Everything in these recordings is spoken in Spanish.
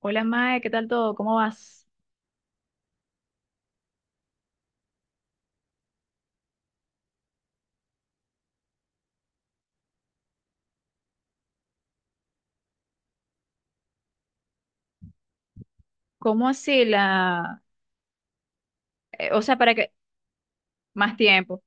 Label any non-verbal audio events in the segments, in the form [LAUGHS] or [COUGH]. Hola Mae, ¿qué tal todo? ¿Cómo vas? ¿Cómo así O sea, para que. Más tiempo.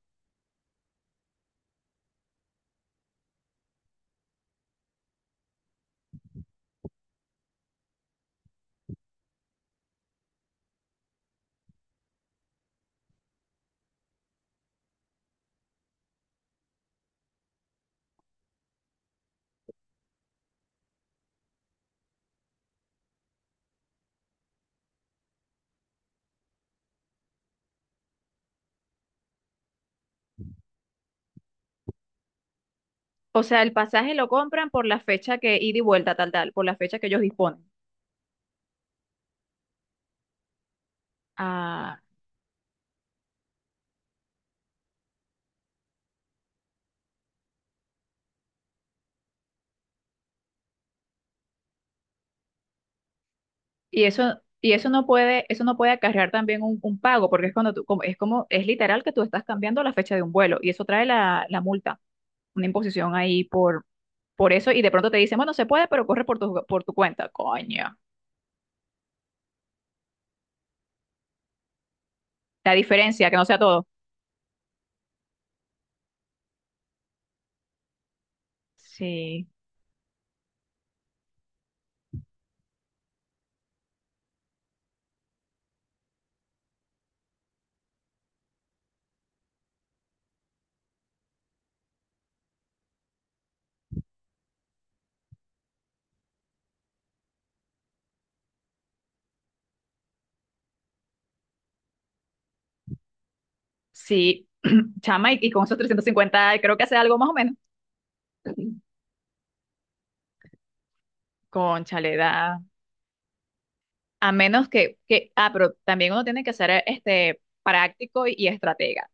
O sea, el pasaje lo compran por la fecha que ida y vuelta, tal, tal, por la fecha que ellos disponen. Ah, y eso no puede acarrear también un pago, porque es cuando tú, como, es literal que tú estás cambiando la fecha de un vuelo, y eso trae la multa, una imposición ahí por eso, y de pronto te dicen, bueno, se puede, pero corre por tu cuenta. Coño. La diferencia, que no sea todo. Sí, sí. Chama, y con esos 350 creo que hace algo más o menos. Cónchale, da. A menos que, ah, pero también uno tiene que ser este, práctico y estratega.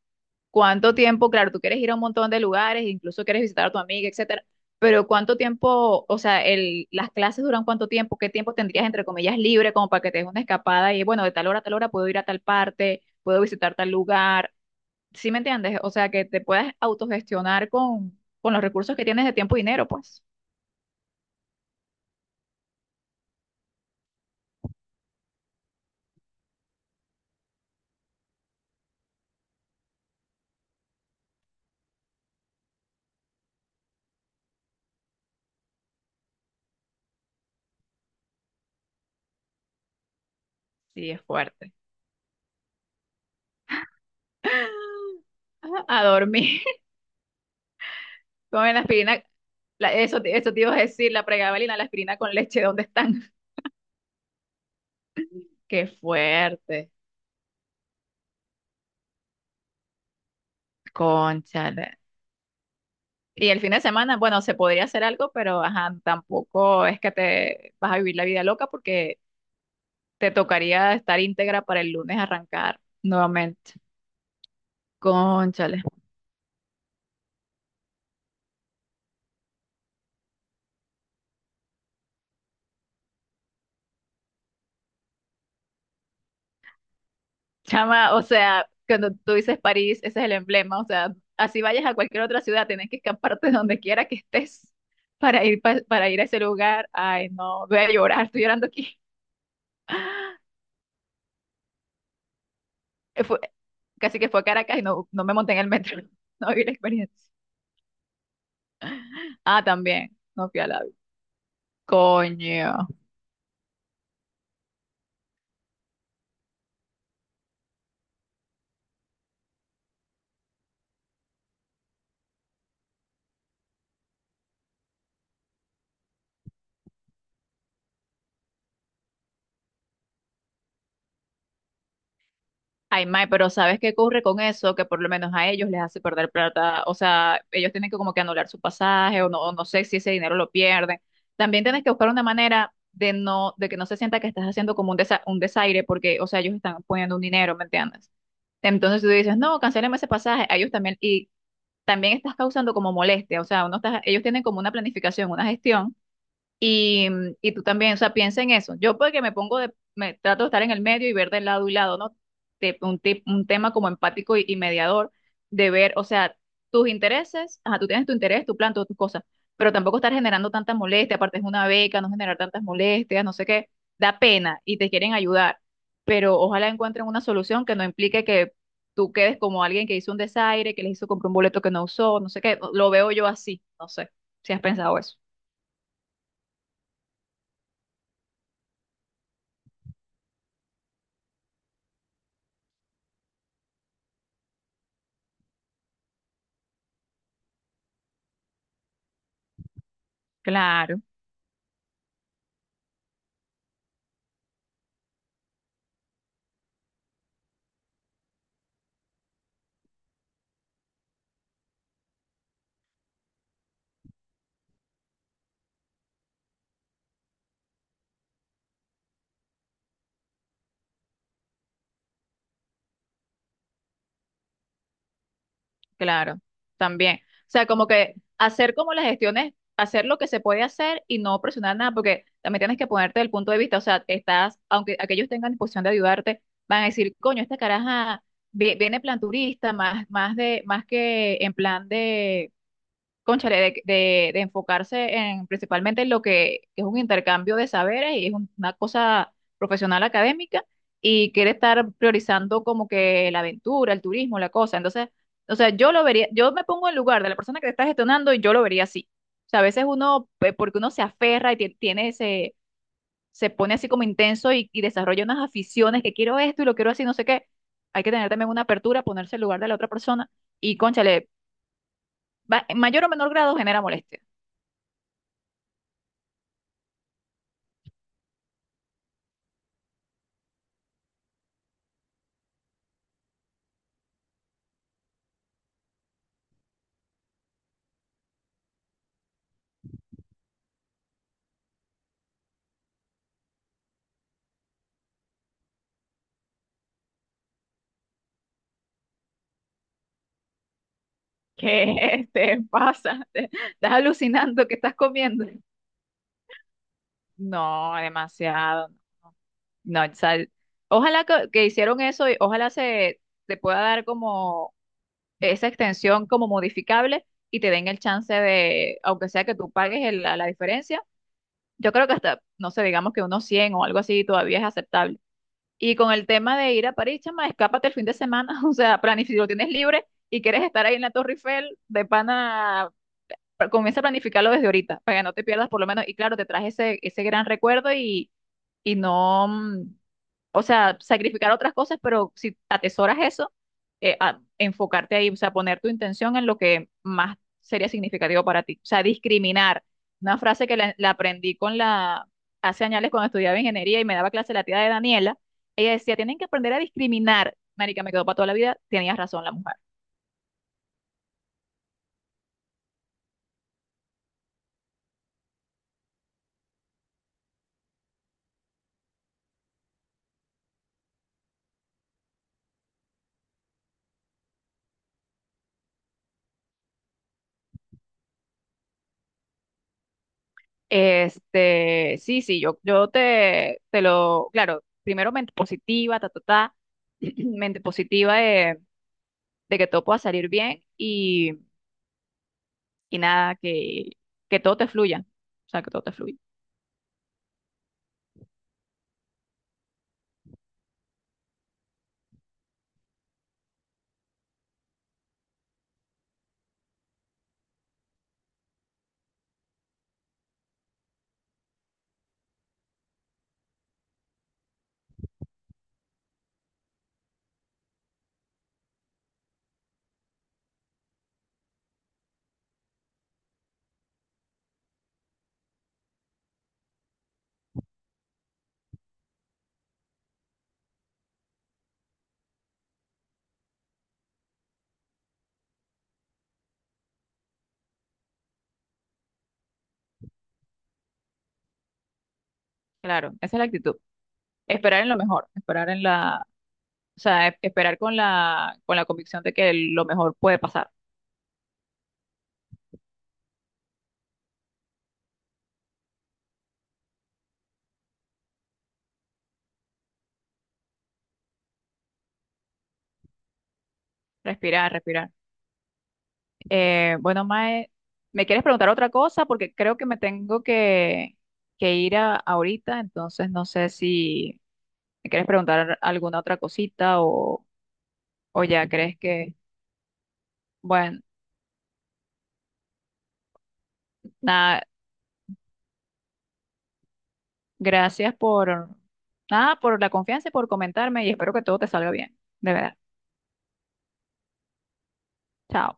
¿Cuánto tiempo? Claro, tú quieres ir a un montón de lugares, incluso quieres visitar a tu amiga, etcétera, pero ¿cuánto tiempo, o sea, las clases duran cuánto tiempo? ¿Qué tiempo tendrías, entre comillas, libre como para que te des una escapada y, bueno, de tal hora a tal hora puedo ir a tal parte, puedo visitar tal lugar? ¿Sí me entiendes? O sea, que te puedas autogestionar con los recursos que tienes de tiempo y dinero, pues. Sí, es fuerte. Ajá, a dormir. [LAUGHS] Comen la aspirina. Eso, eso te iba a decir, la pregabalina, la aspirina con leche, ¿dónde están? [LAUGHS] Qué fuerte. Cónchale. Y el fin de semana, bueno, se podría hacer algo, pero ajá, tampoco es que te vas a vivir la vida loca porque te tocaría estar íntegra para el lunes arrancar nuevamente. Cónchale. Chama, o sea, cuando tú dices París, ese es el emblema, o sea, así vayas a cualquier otra ciudad, tienes que escaparte [LAUGHS] de donde quiera que estés para ir para ir a ese lugar. Ay, no, voy a llorar, estoy llorando aquí. Eh, Fue, Casi que fue a Caracas y no me monté en el metro, [LAUGHS] no vi la experiencia. Ah, también, no fui a la. Coño. Ay, mae, pero ¿sabes qué ocurre con eso? Que por lo menos a ellos les hace perder plata. O sea, ellos tienen que como que anular su pasaje o no sé si ese dinero lo pierden. También tienes que buscar una manera de no, de que no se sienta que estás haciendo como un desaire porque, o sea, ellos están poniendo un dinero, ¿me entiendes? Entonces si tú dices, no, cancéleme ese pasaje. A ellos también, y también estás causando como molestia. O sea, uno está, ellos tienen como una planificación, una gestión y tú también, o sea, piensa en eso. Yo porque me pongo de, me trato de estar en el medio y ver del lado y lado, ¿no? Un, un tema como empático y mediador, de ver, o sea, tus intereses, ajá, tú tienes tu interés, tu plan, todas tus cosas, pero tampoco estar generando tantas molestias, aparte es una beca, no generar tantas molestias, no sé qué, da pena y te quieren ayudar, pero ojalá encuentren una solución que no implique que tú quedes como alguien que hizo un desaire, que les hizo comprar un boleto que no usó, no sé qué, lo veo yo así, no sé si has pensado eso. Claro. Claro, también. O sea, como que hacer como las gestiones, hacer lo que se puede hacer y no presionar nada, porque también tienes que ponerte del punto de vista, o sea, estás, aunque aquellos tengan disposición de ayudarte, van a decir, coño, esta caraja viene plan turista, más, más de, más que en plan de cónchale, de enfocarse en principalmente en lo que es un intercambio de saberes y es una cosa profesional académica y quiere estar priorizando como que la aventura, el turismo, la cosa. Entonces, o sea, yo lo vería, yo me pongo en lugar de la persona que está gestionando y yo lo vería así. O sea, a veces uno, porque uno se aferra y tiene ese, se pone así como intenso y desarrolla unas aficiones que quiero esto y lo quiero así, no sé qué. Hay que tener también una apertura, ponerse en lugar de la otra persona y, cónchale, en mayor o menor grado genera molestia. ¿Qué te pasa? [LAUGHS] ¿Estás alucinando? ¿Qué estás comiendo? No, demasiado. No, o sea, ojalá que hicieron eso y ojalá se te pueda dar como esa extensión como modificable y te den el chance de, aunque sea que tú pagues la diferencia, yo creo que hasta, no sé, digamos que unos 100 o algo así todavía es aceptable. Y con el tema de ir a París, chama, escápate el fin de semana, [LAUGHS] o sea, planifica, lo tienes libre y quieres estar ahí en la Torre Eiffel, de pana comienza a planificarlo desde ahorita, para que no te pierdas por lo menos. Y claro, te traje ese gran recuerdo y no, o sea, sacrificar otras cosas, pero si atesoras eso, enfocarte ahí, o sea, poner tu intención en lo que más sería significativo para ti. O sea, discriminar. Una frase que la aprendí hace años cuando estudiaba ingeniería y me daba clase la tía de Daniela, ella decía, tienen que aprender a discriminar. Marica, me quedó para toda la vida, tenías razón la mujer. Este, sí, sí, yo te lo, claro, primero mente positiva, ta, ta, ta, [CLEARS THROAT] mente positiva de que todo pueda salir bien y nada, que todo te fluya, o sea, que todo te fluya, claro, esa es la actitud, esperar en lo mejor, esperar en la, o sea, esperar con la convicción de que lo mejor puede pasar, respirar, respirar. Bueno, Mae, ¿me quieres preguntar otra cosa? Porque creo que me tengo que ir ahorita, entonces no sé si me quieres preguntar alguna otra cosita o ya crees que, bueno, nada, gracias por, nada, por la confianza y por comentarme y espero que todo te salga bien, de verdad. Chao.